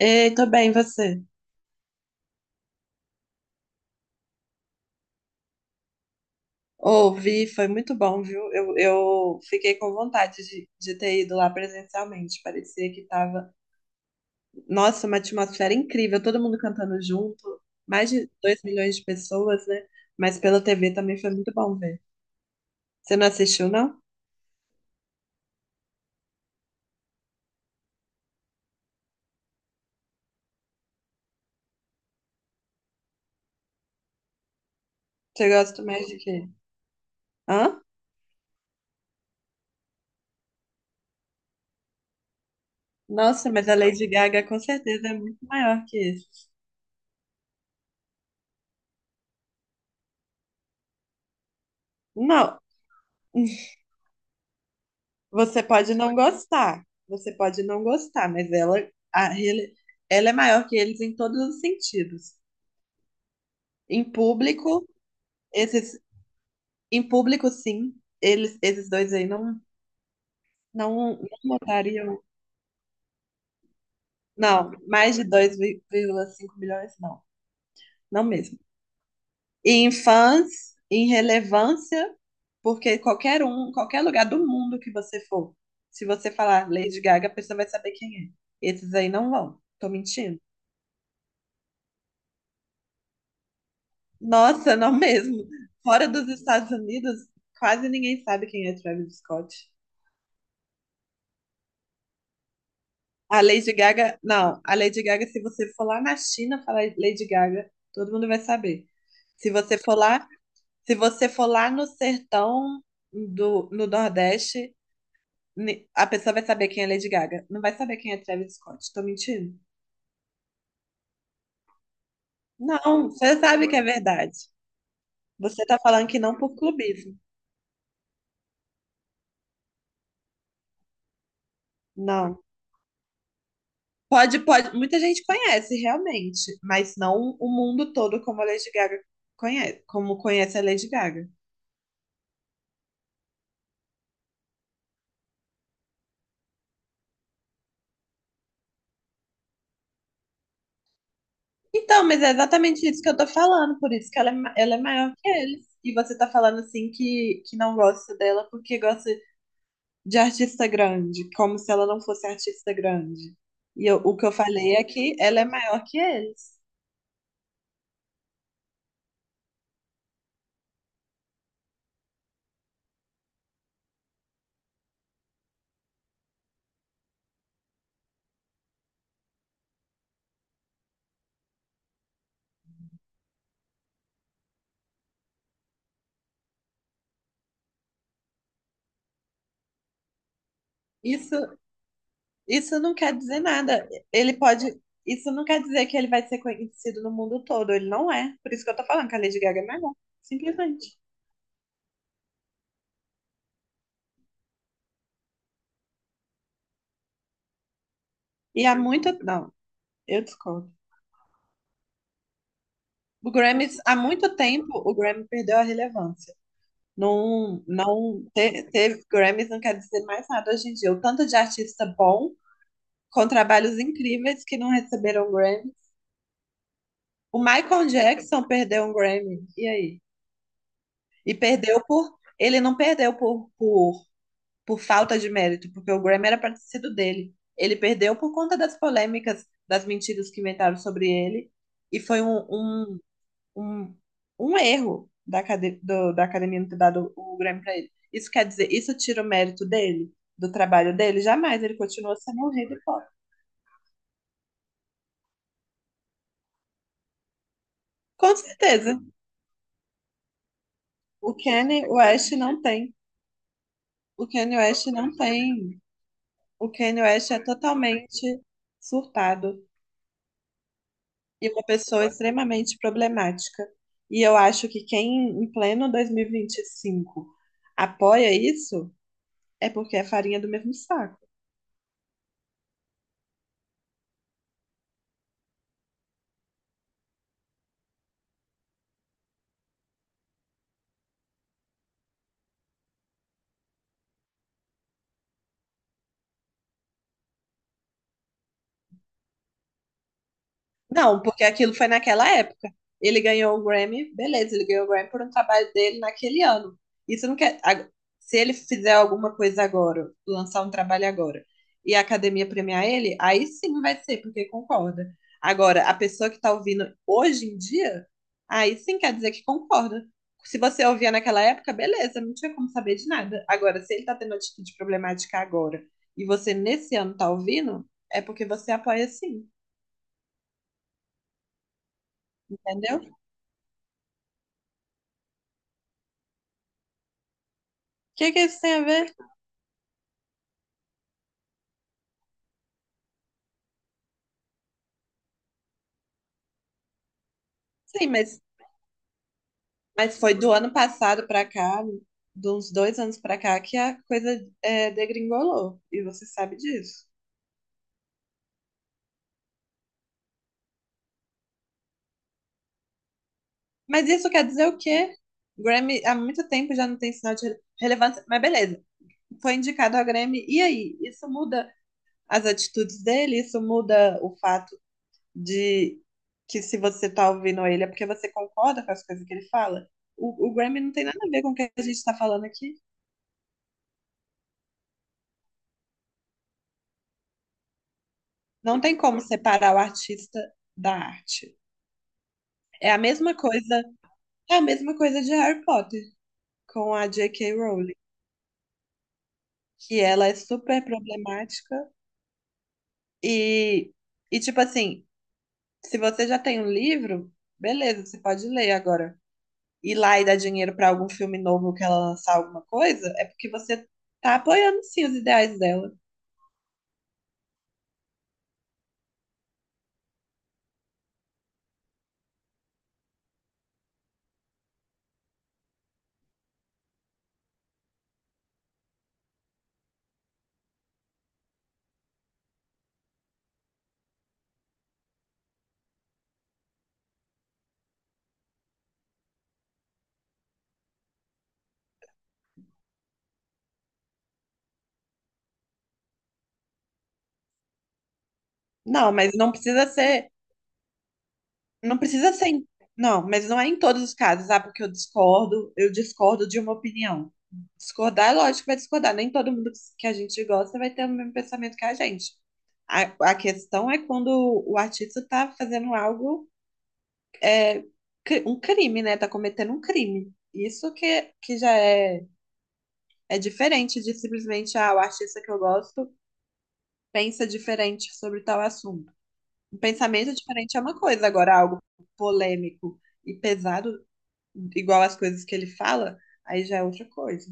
Ei, tô bem, e você? Ouvi, foi muito bom, viu? Eu fiquei com vontade de ter ido lá presencialmente. Parecia que tava, nossa, uma atmosfera incrível, todo mundo cantando junto, mais de 2 milhões de pessoas, né? Mas pela TV também foi muito bom ver. Você não assistiu, não? Você gosta mais de quê? Hã? Nossa, mas a Lady Gaga com certeza é muito maior que isso. Não. Você pode não gostar, você pode não gostar, mas ela, a rele- ela é maior que eles em todos os sentidos. Em público, esses, em público, sim, eles, esses dois aí não, não, não votariam. Não, mais de 2,5 milhões, não. Não mesmo. E em fãs, em relevância, porque qualquer um, qualquer lugar do mundo que você for, se você falar Lady Gaga, a pessoa vai saber quem é. Esses aí não vão. Tô mentindo? Nossa, não mesmo. Fora dos Estados Unidos, quase ninguém sabe quem é Travis Scott. A Lady Gaga, não, a Lady Gaga, se você for lá na China falar Lady Gaga, todo mundo vai saber. Se você for lá, se você for lá no sertão no Nordeste, a pessoa vai saber quem é Lady Gaga. Não vai saber quem é Travis Scott. Tô mentindo? Não, você sabe que é verdade. Você tá falando que não por clubismo. Não. Pode, pode. Muita gente conhece, realmente, mas não o mundo todo como a Lady Gaga conhece, como conhece a Lady Gaga. Então, mas é exatamente isso que eu tô falando, por isso que ela é, ela é maior que eles. E você tá falando assim que, não gosta dela porque gosta de artista grande, como se ela não fosse artista grande. O que eu falei é que ela é maior que eles. Isso Isso não quer dizer nada. Ele pode. Isso não quer dizer que ele vai ser conhecido no mundo todo. Ele não é. Por isso que eu tô falando que a Lady Gaga é melhor. Simplesmente. E há muito. Não, eu discordo. O Grammy, há muito tempo, o Grammy perdeu a relevância. Não, não ter Grammys não quer dizer mais nada hoje em dia. O tanto de artista bom, com trabalhos incríveis que não receberam Grammy. O Michael Jackson perdeu um Grammy. E aí? E perdeu por. Ele não perdeu por falta de mérito, porque o Grammy era para ter sido dele. Ele perdeu por conta das polêmicas, das mentiras que inventaram sobre ele, e foi um, um erro da academia não ter dado o Grammy para ele. Isso quer dizer, isso tira o mérito dele, do trabalho dele? Jamais, ele continua sendo o rei do pop. Com certeza. O Kanye West não tem. O Kanye West não tem. O Kanye West é totalmente surtado, e uma pessoa extremamente problemática. E eu acho que quem, em pleno 2025, apoia isso é porque é farinha do mesmo saco. Não, porque aquilo foi naquela época. Ele ganhou o Grammy, beleza, ele ganhou o Grammy por um trabalho dele naquele ano. Isso não quer. Se ele fizer alguma coisa agora, lançar um trabalho agora, e a academia premiar ele, aí sim vai ser, porque concorda. Agora, a pessoa que tá ouvindo hoje em dia, aí sim quer dizer que concorda. Se você ouvia naquela época, beleza, não tinha como saber de nada. Agora, se ele tá tendo atitude problemática agora, e você nesse ano tá ouvindo, é porque você apoia sim, entendeu? Que que isso tem a ver? Sim, mas foi do ano passado pra cá, de uns dois anos pra cá, que a coisa é, degringolou. E você sabe disso. Mas isso quer dizer o quê? Grammy há muito tempo já não tem sinal de relevância. Mas beleza, foi indicado ao Grammy. E aí? Isso muda as atitudes dele? Isso muda o fato de que se você tá ouvindo ele é porque você concorda com as coisas que ele fala? O Grammy não tem nada a ver com o que a gente tá falando aqui. Não tem como separar o artista da arte. É a mesma coisa, é a mesma coisa de Harry Potter com a J.K. Rowling, que ela é super problemática e e tipo assim, se você já tem um livro, beleza, você pode ler agora. Ir lá e dar dinheiro pra algum filme novo que ela lançar alguma coisa, é porque você tá apoiando sim os ideais dela. Não, mas não precisa ser. Não precisa ser. Não, mas não é em todos os casos, sabe? Porque eu discordo de uma opinião. Discordar, é lógico que vai discordar. Nem todo mundo que a gente gosta vai ter o mesmo pensamento que a gente. A, a questão é quando o artista tá fazendo algo, um crime, né? Tá cometendo um crime. Isso que, que já é diferente de simplesmente, ah, o artista que eu gosto pensa diferente sobre tal assunto. Um pensamento diferente é uma coisa, agora algo polêmico e pesado igual as coisas que ele fala, aí já é outra coisa.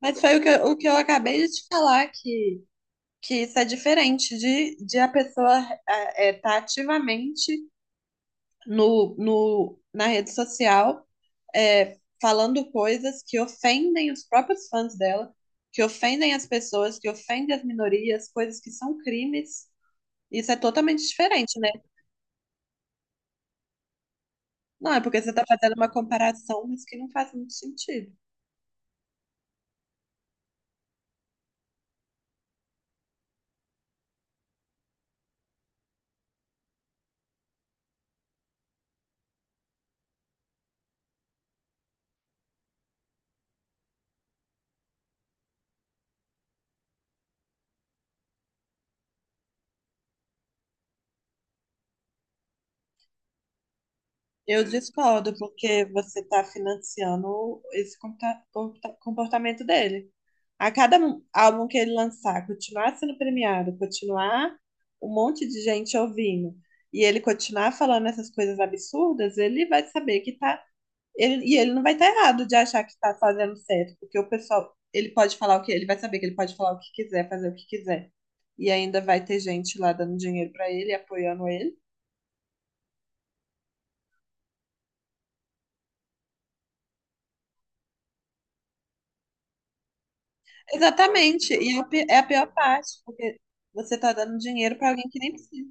Mas foi o que, o que eu acabei de te falar, que, que isso é diferente de a pessoa estar ativamente no, no, na rede social falando coisas que ofendem os próprios fãs dela, que ofendem as pessoas, que ofendem as minorias, coisas que são crimes. Isso é totalmente diferente, né? Não, é porque você está fazendo uma comparação, mas que não faz muito sentido. Eu discordo, porque você está financiando esse comportamento dele. A cada álbum que ele lançar, continuar sendo premiado, continuar um monte de gente ouvindo, e ele continuar falando essas coisas absurdas, ele vai saber que tá. E ele não vai estar errado de achar que está fazendo certo, porque o pessoal, ele pode falar o que, ele vai saber que ele pode falar o que quiser, fazer o que quiser. E ainda vai ter gente lá dando dinheiro para ele, apoiando ele. Exatamente. E é o é a pior parte, porque você tá dando dinheiro para alguém que nem precisa.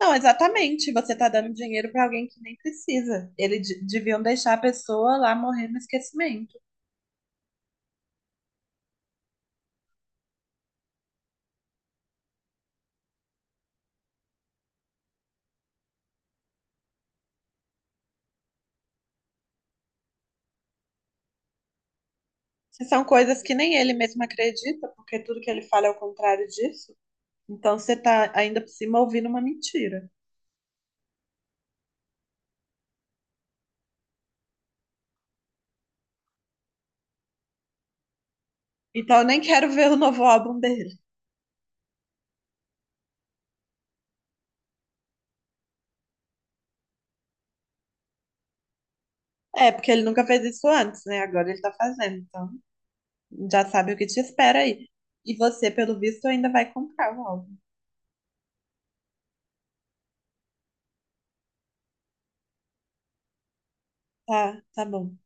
Não, exatamente. Você tá dando dinheiro para alguém que nem precisa. Eles deviam deixar a pessoa lá morrer no esquecimento. Se são coisas que nem ele mesmo acredita, porque tudo que ele fala é o contrário disso, então você tá ainda por cima ouvindo uma mentira. Então eu nem quero ver o novo álbum dele. É, porque ele nunca fez isso antes, né? Agora ele tá fazendo, então já sabe o que te espera aí. E você, pelo visto, ainda vai comprar o álbum. Tá, tá bom.